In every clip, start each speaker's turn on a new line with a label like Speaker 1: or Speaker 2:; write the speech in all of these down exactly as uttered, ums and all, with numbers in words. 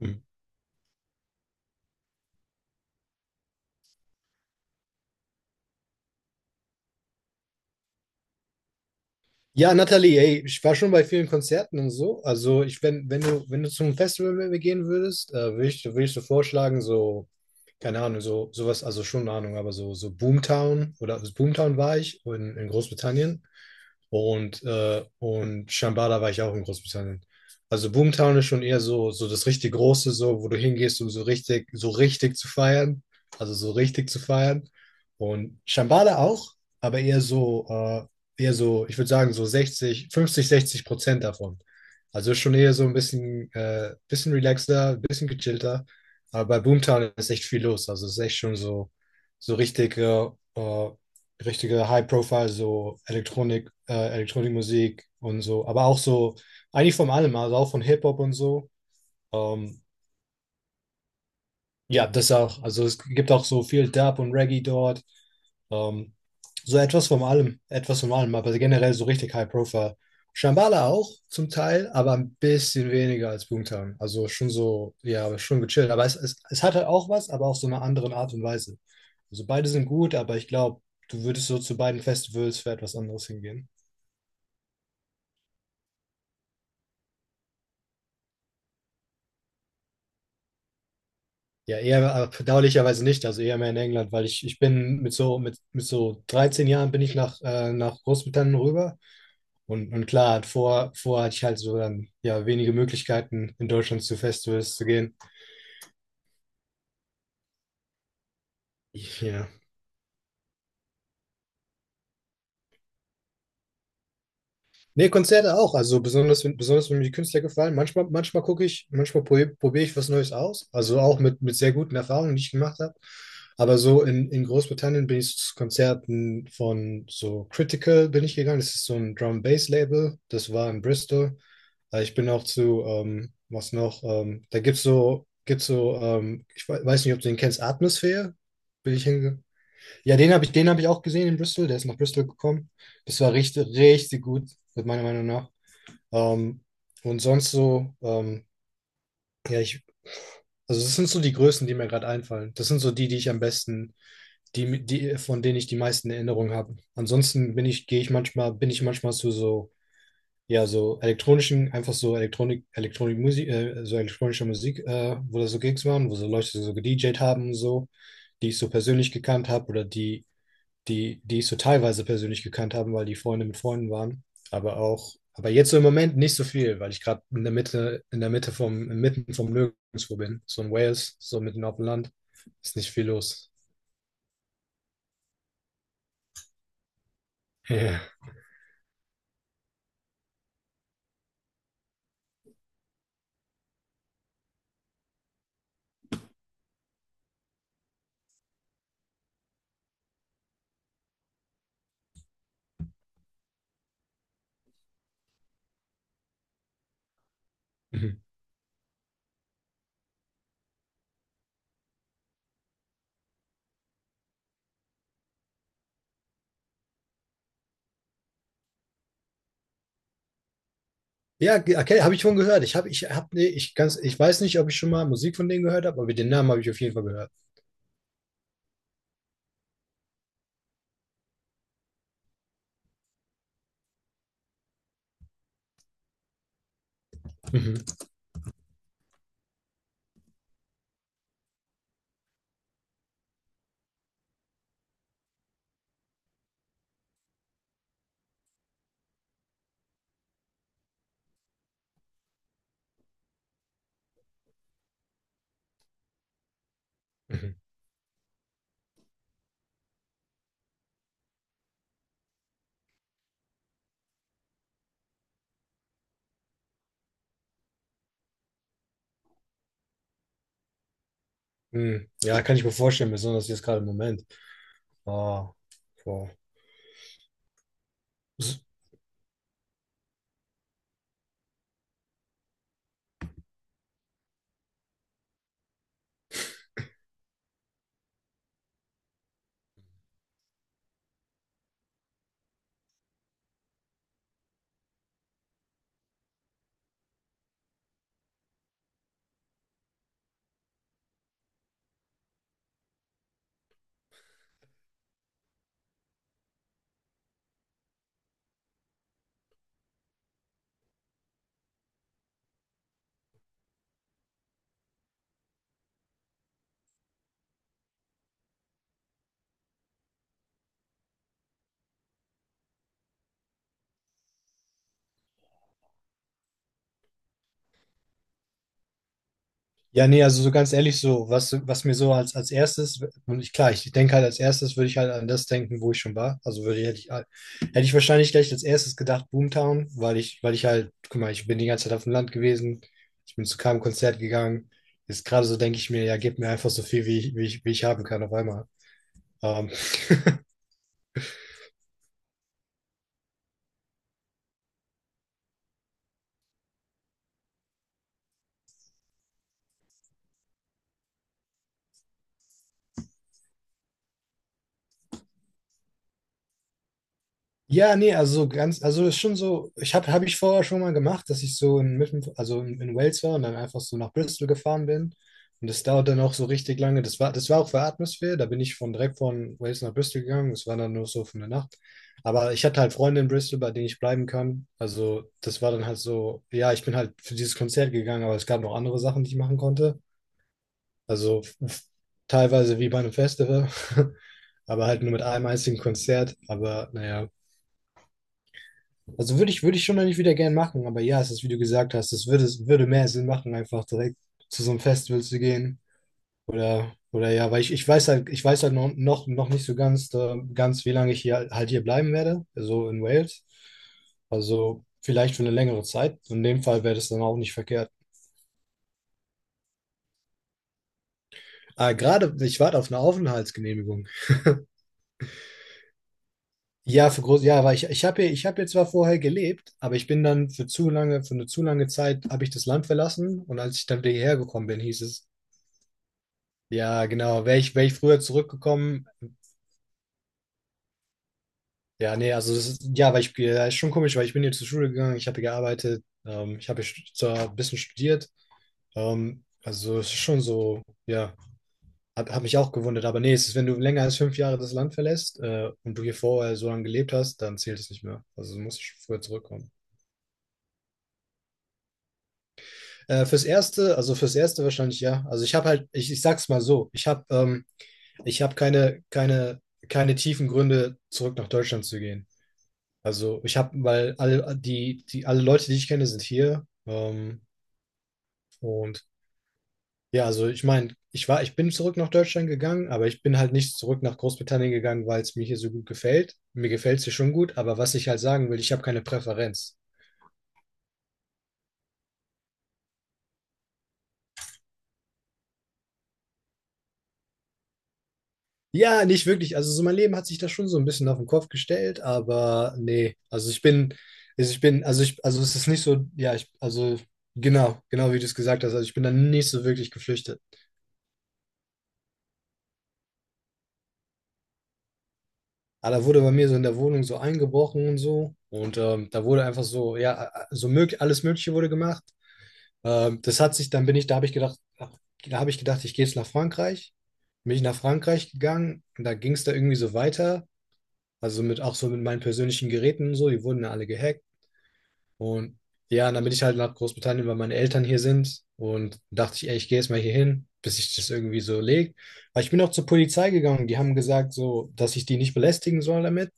Speaker 1: Mhm. Ja, Nathalie, ey, ich war schon bei vielen Konzerten und so. Also ich, wenn, wenn du, wenn du zum Festival gehen würdest, äh, würde ich, würde ich so vorschlagen, so, keine Ahnung, so, sowas, also schon eine Ahnung, aber so, so Boomtown oder also Boomtown war ich in, in Großbritannien. Und, äh, und Shambhala war ich auch in Großbritannien. Also Boomtown ist schon eher so, so das richtig Große, so, wo du hingehst, um so richtig, so richtig zu feiern. Also so richtig zu feiern. Und Shambhala auch, aber eher so, äh, eher so, ich würde sagen, so sechzig, fünfzig, sechzig Prozent davon. Also schon eher so ein bisschen, äh, bisschen relaxter, ein bisschen gechillter. Aber bei Boomtown ist echt viel los. Also es ist echt schon so, so richtig äh, äh, richtige High-Profile, so Elektronik, äh, Elektronikmusik und so, aber auch so, eigentlich von allem, also auch von Hip-Hop und so. Ähm, ja, das auch, also es gibt auch so viel Dub und Reggae dort. Ähm, so etwas von allem, etwas von allem, aber generell so richtig High-Profile. Shambhala auch zum Teil, aber ein bisschen weniger als Boomtown. Also schon so, ja, aber schon gechillt. Aber es, es, es hat halt auch was, aber auch so eine andere Art und Weise. Also beide sind gut, aber ich glaube, du würdest so zu beiden Festivals für etwas anderes hingehen. Ja, eher aber bedauerlicherweise nicht, also eher mehr in England, weil ich, ich bin mit so, mit, mit so dreizehn Jahren bin ich nach, äh, nach Großbritannien rüber. Und, und klar, vor, vor hatte ich halt so dann ja wenige Möglichkeiten, in Deutschland zu Festivals zu gehen. Ja. Nee, Konzerte auch. Also besonders, wenn- besonders wenn mir die Künstler gefallen. Manchmal, manchmal gucke ich, manchmal probiere probier ich was Neues aus. Also auch mit, mit sehr guten Erfahrungen, die ich gemacht habe. Aber so in, in Großbritannien bin ich zu Konzerten von so Critical bin ich gegangen. Das ist so ein Drum-Bass-Label. Das war in Bristol. Äh, Ich bin auch zu, ähm, was noch, ähm, da gibt's so, gibt's so, ähm, ich we- weiß nicht, ob du den kennst, Atmosphäre. Bin ich hingegangen. Ja, den habe ich, den habe ich auch gesehen in Bristol. Der ist nach Bristol gekommen. Das war richtig, richtig gut, meiner Meinung nach. Ähm, und sonst so, ähm, ja, ich, also das sind so die Größen, die mir gerade einfallen. Das sind so die, die ich am besten, die, die, von denen ich die meisten Erinnerungen habe. Ansonsten bin ich, gehe ich manchmal, bin ich manchmal zu so, ja, so elektronischen, einfach so Elektronik, Elektronik Musik, äh, so elektronischer Musik, äh, wo da so Gigs waren, wo so Leute so gedjed haben und so, die ich so persönlich gekannt habe oder die die, die ich so teilweise persönlich gekannt habe, weil die Freunde mit Freunden waren. Aber auch, aber jetzt so im Moment nicht so viel, weil ich gerade in der Mitte, in der Mitte vom, mitten vom Nirgendwo bin. So in Wales, so mitten auf dem Land. Ist nicht viel los. Ja. Mhm. Ja ge- okay, habe ich schon gehört. Ich habe, ich habe, nee, ich ganz, ich weiß nicht, ob ich schon mal Musik von denen gehört habe, aber den Namen habe ich auf jeden Fall gehört. Mhm. Mhm. Mhm. Ja, kann ich mir vorstellen, besonders jetzt gerade im Moment. Oh, boah. Ja, nee, also so ganz ehrlich, so, was, was mir so als, als erstes, und ich, klar, ich denke halt als erstes würde ich halt an das denken, wo ich schon war. Also würde ich, hätte ich, halt- hätte ich wahrscheinlich gleich als erstes gedacht, Boomtown, weil ich, weil ich halt, guck mal, ich bin die ganze Zeit auf dem Land gewesen, ich bin zu keinem Konzert gegangen. Jetzt gerade so denke ich mir, ja, gib mir einfach so viel, wie ich, wie ich, wie ich haben kann auf einmal. Ähm, Ja, nee, also so ganz, also ist schon so, ich habe hab hab ich vorher schon mal gemacht, dass ich so in, mitten- also in, in Wales war und dann einfach so nach Bristol gefahren bin. Und das dauert dann auch so richtig lange. Das war, das war auch für Atmosphäre. Da bin ich von direkt von Wales nach Bristol gegangen. Das war dann nur so für eine Nacht. Aber ich hatte halt Freunde in Bristol, bei denen ich bleiben kann. Also das war dann halt so, ja, ich bin halt für dieses Konzert gegangen, aber es gab noch andere Sachen, die ich machen konnte. Also f- teilweise wie bei einem Festival, aber halt nur mit einem einzigen Konzert. Aber naja. Also würde ich, würde ich schon eigentlich wieder gern machen, aber ja, es ist, wie du gesagt hast, es würde, es würde mehr Sinn machen, einfach direkt zu so einem Festival zu gehen. Oder, oder ja, weil ich, ich weiß halt, ich weiß halt noch, noch, noch nicht so ganz, äh, ganz, wie lange ich hier halt hier bleiben werde, also in Wales. Also vielleicht für eine längere Zeit. In dem Fall wäre das dann auch nicht verkehrt. Ah, gerade, ich warte auf eine Aufenthaltsgenehmigung. Ja, für groß, ja, weil ich, ich habe hier, ich habe hier zwar vorher gelebt, aber ich bin dann für zu lange, für eine zu lange Zeit habe ich das Land verlassen und als ich dann wieder hierher gekommen bin, hieß es, Ja, genau. Wäre ich, wär ich früher zurückgekommen, ja, nee, also das ist, ja, weil ich, ja, ist schon komisch, weil ich bin hier zur Schule gegangen, ich habe hier gearbeitet, ähm, ich habe hier stu- zwar ein bisschen studiert, ähm, also es ist schon so, ja, hab, hab mich auch gewundert, aber nee, es ist, wenn du länger als fünf Jahre das Land verlässt, äh, und du hier vorher so lange gelebt hast, dann zählt es nicht mehr. Also du musst schon früher zurückkommen. Äh, fürs Erste, also fürs Erste wahrscheinlich ja. Also ich habe halt, ich, ich sag's mal so, ich habe ähm, ich habe keine, keine, keine tiefen Gründe, zurück nach Deutschland zu gehen. Also ich habe, weil alle die, die alle Leute, die ich kenne, sind hier. Ähm, und ja, also ich meine, ich war, ich bin zurück nach Deutschland gegangen, aber ich bin halt nicht zurück nach Großbritannien gegangen, weil es mir hier so gut gefällt. Mir gefällt es hier schon gut, aber was ich halt sagen will, ich habe keine Präferenz. Ja, nicht wirklich. Also so mein Leben hat sich da schon so ein bisschen auf den Kopf gestellt, aber nee. Also ich bin, also ich bin, also ich, Also es ist nicht so, ja, ich, also genau, genau wie du es gesagt hast. Also ich bin da nicht so wirklich geflüchtet. Aber da wurde bei mir so in der Wohnung so eingebrochen und so. Und ähm, da wurde einfach so, ja, so möglich, alles Mögliche wurde gemacht. Ähm, das hat sich, dann bin ich, Da habe ich gedacht, ach, da habe ich gedacht, ich gehe jetzt nach Frankreich. Bin ich nach Frankreich gegangen und da ging es da irgendwie so weiter. Also mit auch so mit meinen persönlichen Geräten und so, die wurden ja alle gehackt. Und ja, und dann bin ich halt nach Großbritannien, weil meine Eltern hier sind. Und dachte ich, ey, ich gehe jetzt mal hier hin, bis ich das irgendwie so legt. Aber ich bin auch zur Polizei gegangen. Die haben gesagt, so, dass ich die nicht belästigen soll damit.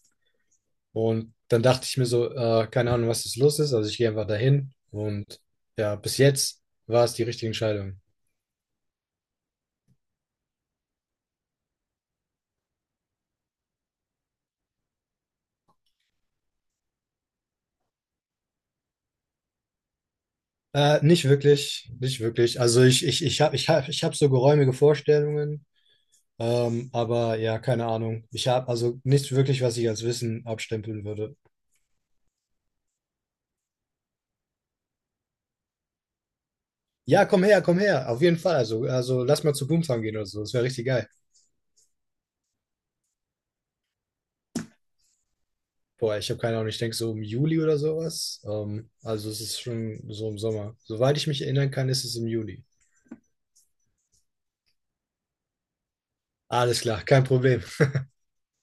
Speaker 1: Und dann dachte ich mir so, äh, keine Ahnung, was jetzt los ist. Also ich gehe einfach dahin. Und ja, bis jetzt war es die richtige Entscheidung. Äh, nicht wirklich, nicht wirklich. Also ich, ich, ich habe ich hab, ich hab so geräumige Vorstellungen. Ähm, aber ja, keine Ahnung. Ich habe also nichts wirklich, was ich als Wissen abstempeln würde. Ja, komm her, komm her, auf jeden Fall. Also, also lass mal zu Boomtown gehen oder so. Das wäre richtig geil. Boah, ich habe keine Ahnung, ich denke so im Juli oder sowas. Ähm, also es ist schon so im Sommer. Soweit ich mich erinnern kann, ist es im Juli. Alles klar, kein Problem.